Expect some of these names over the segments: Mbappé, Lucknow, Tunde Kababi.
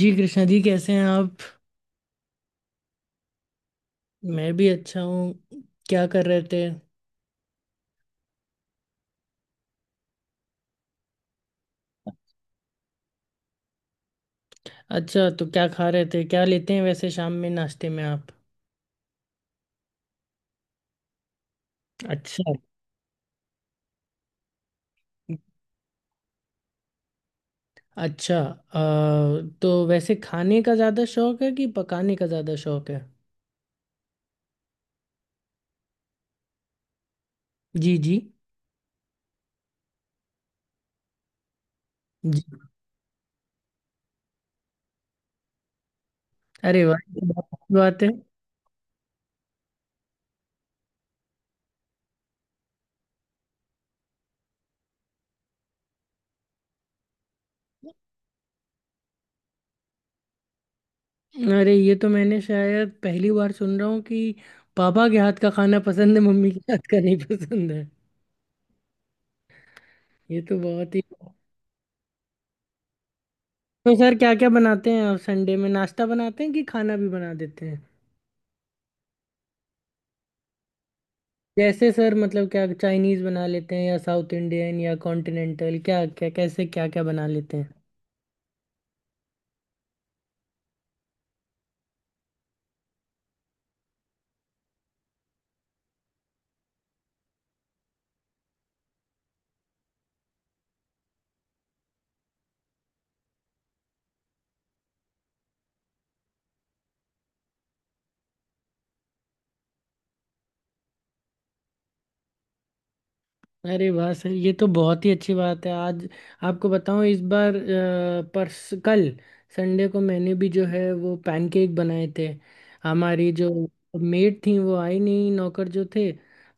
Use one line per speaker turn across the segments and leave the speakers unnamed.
जी कृष्णा जी, कैसे हैं आप? मैं भी अच्छा हूँ। क्या कर रहे थे? अच्छा, तो क्या खा रहे थे? क्या लेते हैं वैसे शाम में नाश्ते में आप? अच्छा। अच्छा अ, तो वैसे खाने का ज़्यादा शौक है कि पकाने का ज़्यादा शौक है? जी जी। जी, अरे वाह, ये तो बहुत अच्छी बात है। अरे, ये तो मैंने शायद पहली बार सुन रहा हूँ कि पापा के हाथ का खाना पसंद है, मम्मी के हाथ का नहीं पसंद है। ये तो बहुत ही। तो सर क्या क्या बनाते हैं आप? संडे में नाश्ता बनाते हैं कि खाना भी बना देते हैं? जैसे सर मतलब, क्या चाइनीज बना लेते हैं या साउथ इंडियन या कॉन्टिनेंटल? क्या क्या कैसे, क्या क्या बना लेते हैं? अरे वाह सर, ये तो बहुत ही अच्छी बात है। आज आपको बताऊं, इस बार परस कल संडे को मैंने भी जो है वो पैनकेक बनाए थे। हमारी जो मेड थी वो आई नहीं, नौकर जो थे,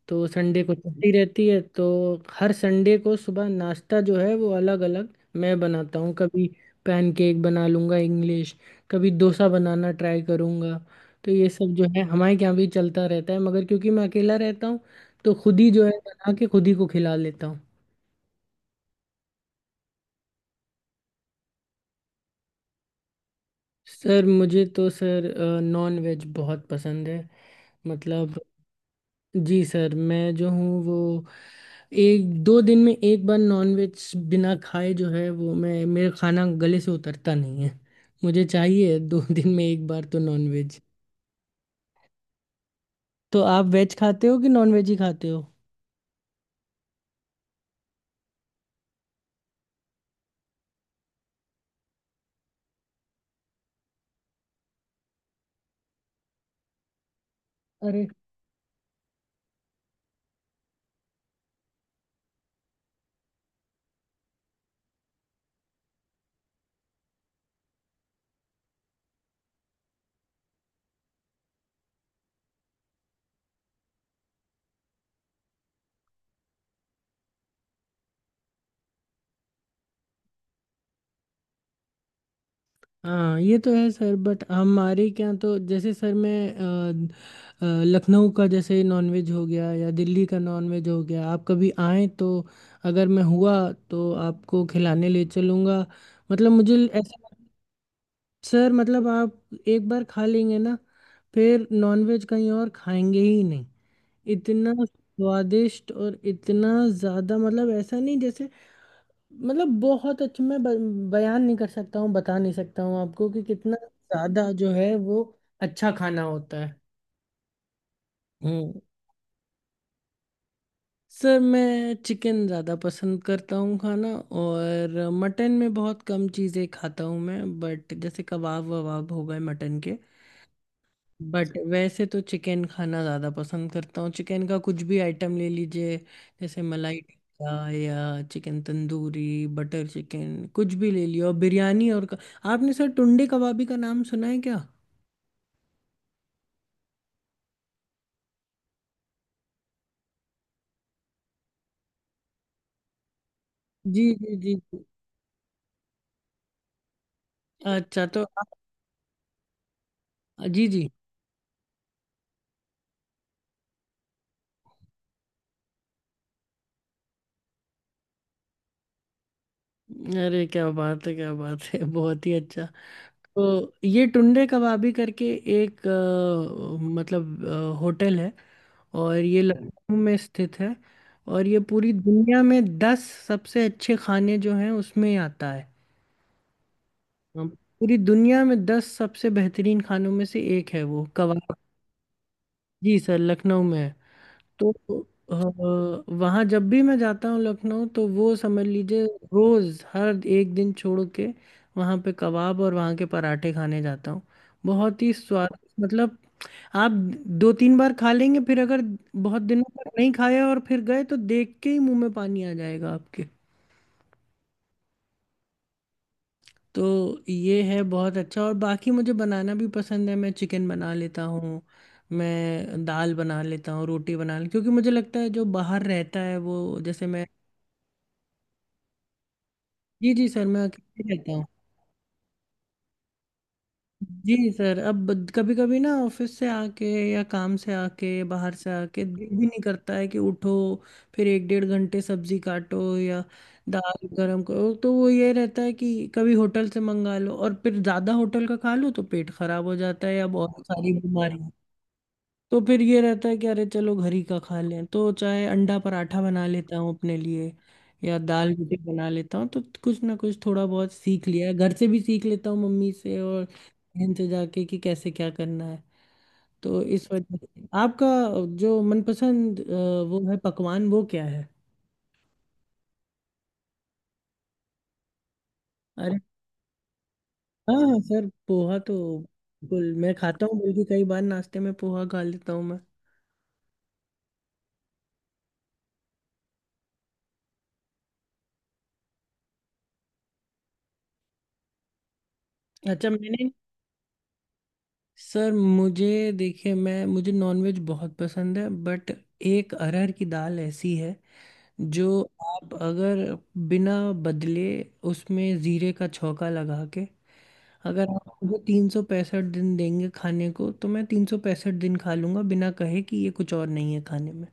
तो संडे को छुट्टी रहती है तो हर संडे को सुबह नाश्ता जो है वो अलग अलग मैं बनाता हूँ। कभी पैनकेक बना लूँगा इंग्लिश, कभी डोसा बनाना ट्राई करूँगा। तो ये सब जो है हमारे यहाँ भी चलता रहता है, मगर क्योंकि मैं अकेला रहता हूँ तो खुद ही जो है बना के खुद ही को खिला लेता हूँ। सर मुझे तो सर नॉन वेज बहुत पसंद है। मतलब जी सर, मैं जो हूँ वो एक दो दिन में एक बार नॉन वेज बिना खाए जो है वो मैं, मेरा खाना गले से उतरता नहीं है। मुझे चाहिए दो दिन में एक बार तो नॉन वेज। तो आप वेज खाते हो कि नॉन वेज ही खाते हो? अरे हाँ, ये तो है सर, बट हमारे क्या तो जैसे सर, मैं लखनऊ का जैसे नॉनवेज हो गया या दिल्ली का नॉनवेज हो गया, आप कभी आएँ तो, अगर मैं हुआ तो आपको खिलाने ले चलूँगा। मतलब मुझे ऐसा, सर मतलब आप एक बार खा लेंगे ना, फिर नॉनवेज कहीं और खाएंगे ही नहीं। इतना स्वादिष्ट और इतना ज़्यादा, मतलब ऐसा नहीं जैसे, मतलब बहुत अच्छे, मैं बयान नहीं कर सकता हूँ, बता नहीं सकता हूँ आपको कि कितना ज्यादा जो है वो अच्छा खाना होता है। हम्म। सर मैं चिकन ज़्यादा पसंद करता हूँ खाना, और मटन में बहुत कम चीज़ें खाता हूँ मैं, बट जैसे कबाब वबाब हो गए मटन के। बट वैसे तो चिकन खाना ज़्यादा पसंद करता हूँ, चिकन का कुछ भी आइटम ले लीजिए, जैसे मलाई टिक्का या चिकन तंदूरी, बटर चिकन, कुछ भी ले लियो, बिरयानी और आपने सर टुंडे कबाबी का नाम सुना है क्या? जी जी जी जी। अच्छा, तो जी जी। अरे क्या बात है, क्या बात है बहुत ही अच्छा। तो ये टुंडे कबाबी करके एक मतलब होटल है, और ये लखनऊ में स्थित है। और ये पूरी दुनिया में 10 सबसे अच्छे खाने जो हैं उसमें ही आता है। अ, पूरी दुनिया में 10 सबसे बेहतरीन खानों में से एक है वो कबाब। जी सर, लखनऊ में है। तो वहां जब भी मैं जाता हूँ लखनऊ तो वो समझ लीजिए रोज हर एक दिन छोड़ के वहां पे कबाब और वहां के पराठे खाने जाता हूँ। बहुत ही स्वाद, मतलब आप दो तीन बार खा लेंगे, फिर अगर बहुत दिनों तक नहीं खाए और फिर गए तो देख के ही मुंह में पानी आ जाएगा आपके। तो ये है बहुत अच्छा। और बाकी मुझे बनाना भी पसंद है, मैं चिकन बना लेता हूँ, मैं दाल बना लेता हूँ, रोटी बना ले, क्योंकि मुझे लगता है जो बाहर रहता है वो, जैसे मैं, जी जी सर, मैं अकेले रहता हूँ। जी सर, अब कभी कभी ना ऑफिस से आके या काम से आके बाहर से आके दिल भी नहीं करता है कि उठो, फिर एक डेढ़ घंटे सब्जी काटो या दाल गरम करो, तो वो ये रहता है कि कभी होटल से मंगा लो, और फिर ज़्यादा होटल का खा लो तो पेट खराब हो जाता है अब और सारी बीमारी। तो फिर ये रहता है कि अरे चलो घर ही का खा लें, तो चाहे अंडा पराठा बना लेता हूँ अपने लिए, या दाल रोटी बना लेता हूँ, तो कुछ ना कुछ थोड़ा बहुत सीख लिया है, घर से भी सीख लेता हूँ मम्मी से और बहन से जाके कि कैसे क्या करना है। तो इस वजह से आपका जो मनपसंद वो है पकवान, वो क्या है? अरे हाँ सर, पोहा तो बिल्कुल मैं खाता हूँ, बल्कि कई बार नाश्ते में पोहा खा लेता हूँ मैं। अच्छा, मैंने, सर मुझे देखिए, मैं, मुझे नॉनवेज बहुत पसंद है बट एक अरहर की दाल ऐसी है जो, आप अगर बिना बदले उसमें जीरे का छौंका लगा के, अगर आप मुझे 365 दिन देंगे खाने को तो मैं 365 दिन खा लूँगा बिना कहे कि ये कुछ और नहीं है खाने में।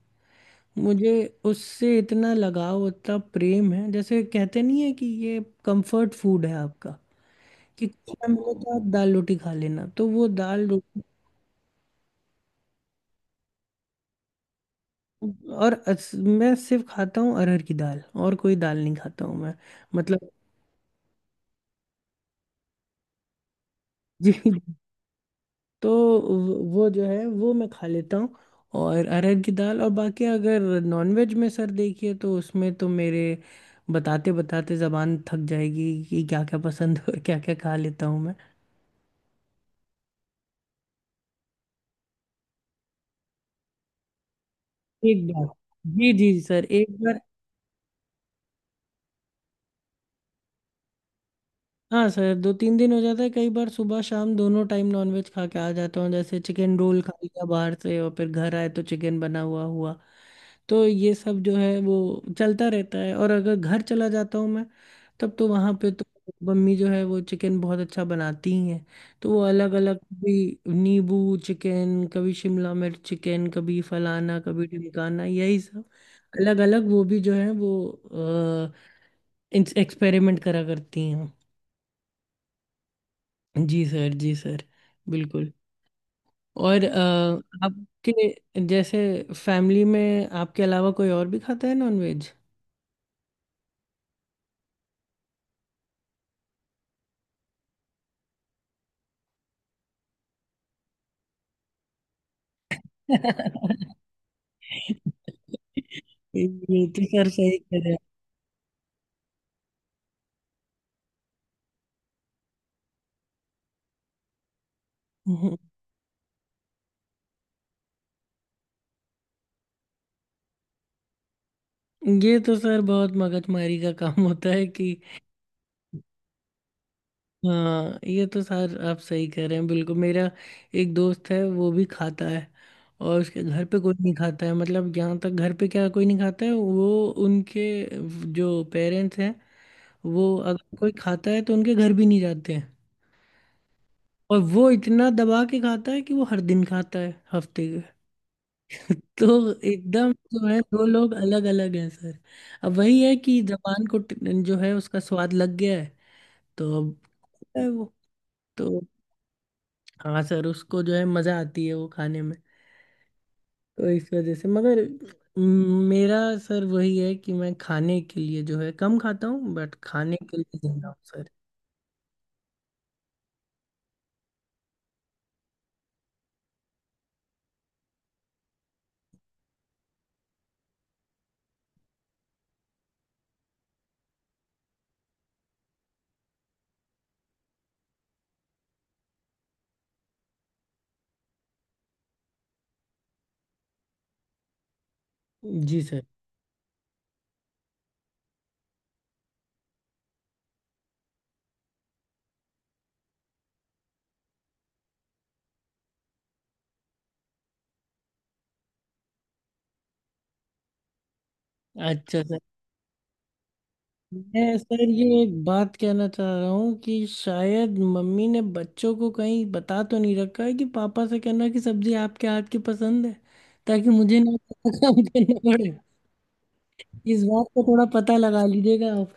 मुझे उससे इतना लगाव, इतना प्रेम है, जैसे कहते नहीं है कि ये कंफर्ट फूड है आपका, कि कुछ ना मिले तो आप दाल रोटी खा लेना, तो वो दाल रोटी। और मैं सिर्फ खाता हूँ अरहर की दाल, और कोई दाल नहीं खाता हूँ मैं। मतलब जी। तो वो जो है वो मैं खा लेता हूँ, और अरहर की दाल। और बाकी अगर नॉनवेज में सर देखिए तो उसमें तो मेरे बताते बताते जबान थक जाएगी कि क्या क्या पसंद है और क्या क्या खा लेता हूँ मैं। एक बार, जी जी सर, एक बार। हाँ सर, दो तीन दिन हो जाता है, कई बार सुबह शाम दोनों टाइम नॉनवेज खा के आ जाता हूँ, जैसे चिकन रोल खा लिया बाहर से और फिर घर आए तो चिकन बना हुआ हुआ। तो ये सब जो है वो चलता रहता है, और अगर घर चला जाता हूँ मैं तब तो वहाँ पे तो मम्मी जो है वो चिकन बहुत अच्छा बनाती ही हैं, तो वो अलग अलग भी, नींबू चिकन कभी, शिमला मिर्च चिकन कभी, फलाना कभी ढिमकाना, यही सब अलग अलग, वो भी जो है वो एक्सपेरिमेंट करा करती हैं। जी सर, जी सर, बिल्कुल। और आपके जैसे फैमिली में आपके अलावा कोई और भी खाता है नॉनवेज? ये तो सर सही कह रहे हैं। ये तो सर बहुत मगजमारी का काम होता है कि, हाँ ये तो सर आप सही कह रहे हैं बिल्कुल। मेरा एक दोस्त है वो भी खाता है, और उसके घर पे कोई नहीं खाता है, मतलब जहाँ तक घर पे क्या कोई नहीं खाता है वो उनके जो पेरेंट्स हैं वो, अगर कोई खाता है तो उनके घर भी नहीं जाते हैं। और वो इतना दबा के खाता है कि वो हर दिन खाता है हफ्ते के। तो एकदम जो है दो लोग अलग अलग हैं सर। अब वही है कि जबान को जो है उसका स्वाद लग गया है तो अब है वो। तो हाँ सर, उसको जो है मज़ा आती है वो खाने में। तो इस वजह से मगर मेरा सर वही है कि मैं खाने के लिए जो है कम खाता हूँ, बट खाने के लिए जिंदा हूँ सर। जी सर। अच्छा सर, मैं सर ये एक बात कहना चाह रहा हूँ कि शायद मम्मी ने बच्चों को कहीं बता तो नहीं रखा है कि पापा से कहना कि सब्जी आपके हाथ की पसंद है, ताकि मुझे ना काम करना पड़े। इस बात का थोड़ा पता लगा लीजिएगा आप।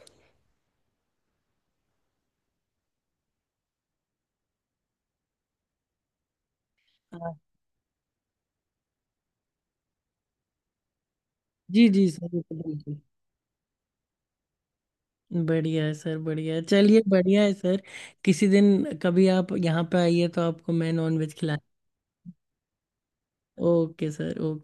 हाँ, जी जी सर, बिल्कुल। बढ़िया है सर, बढ़िया है, चलिए बढ़िया है सर। किसी दिन कभी आप यहाँ पे आइए तो आपको मैं नॉन वेज खिला। Okay sir, okay.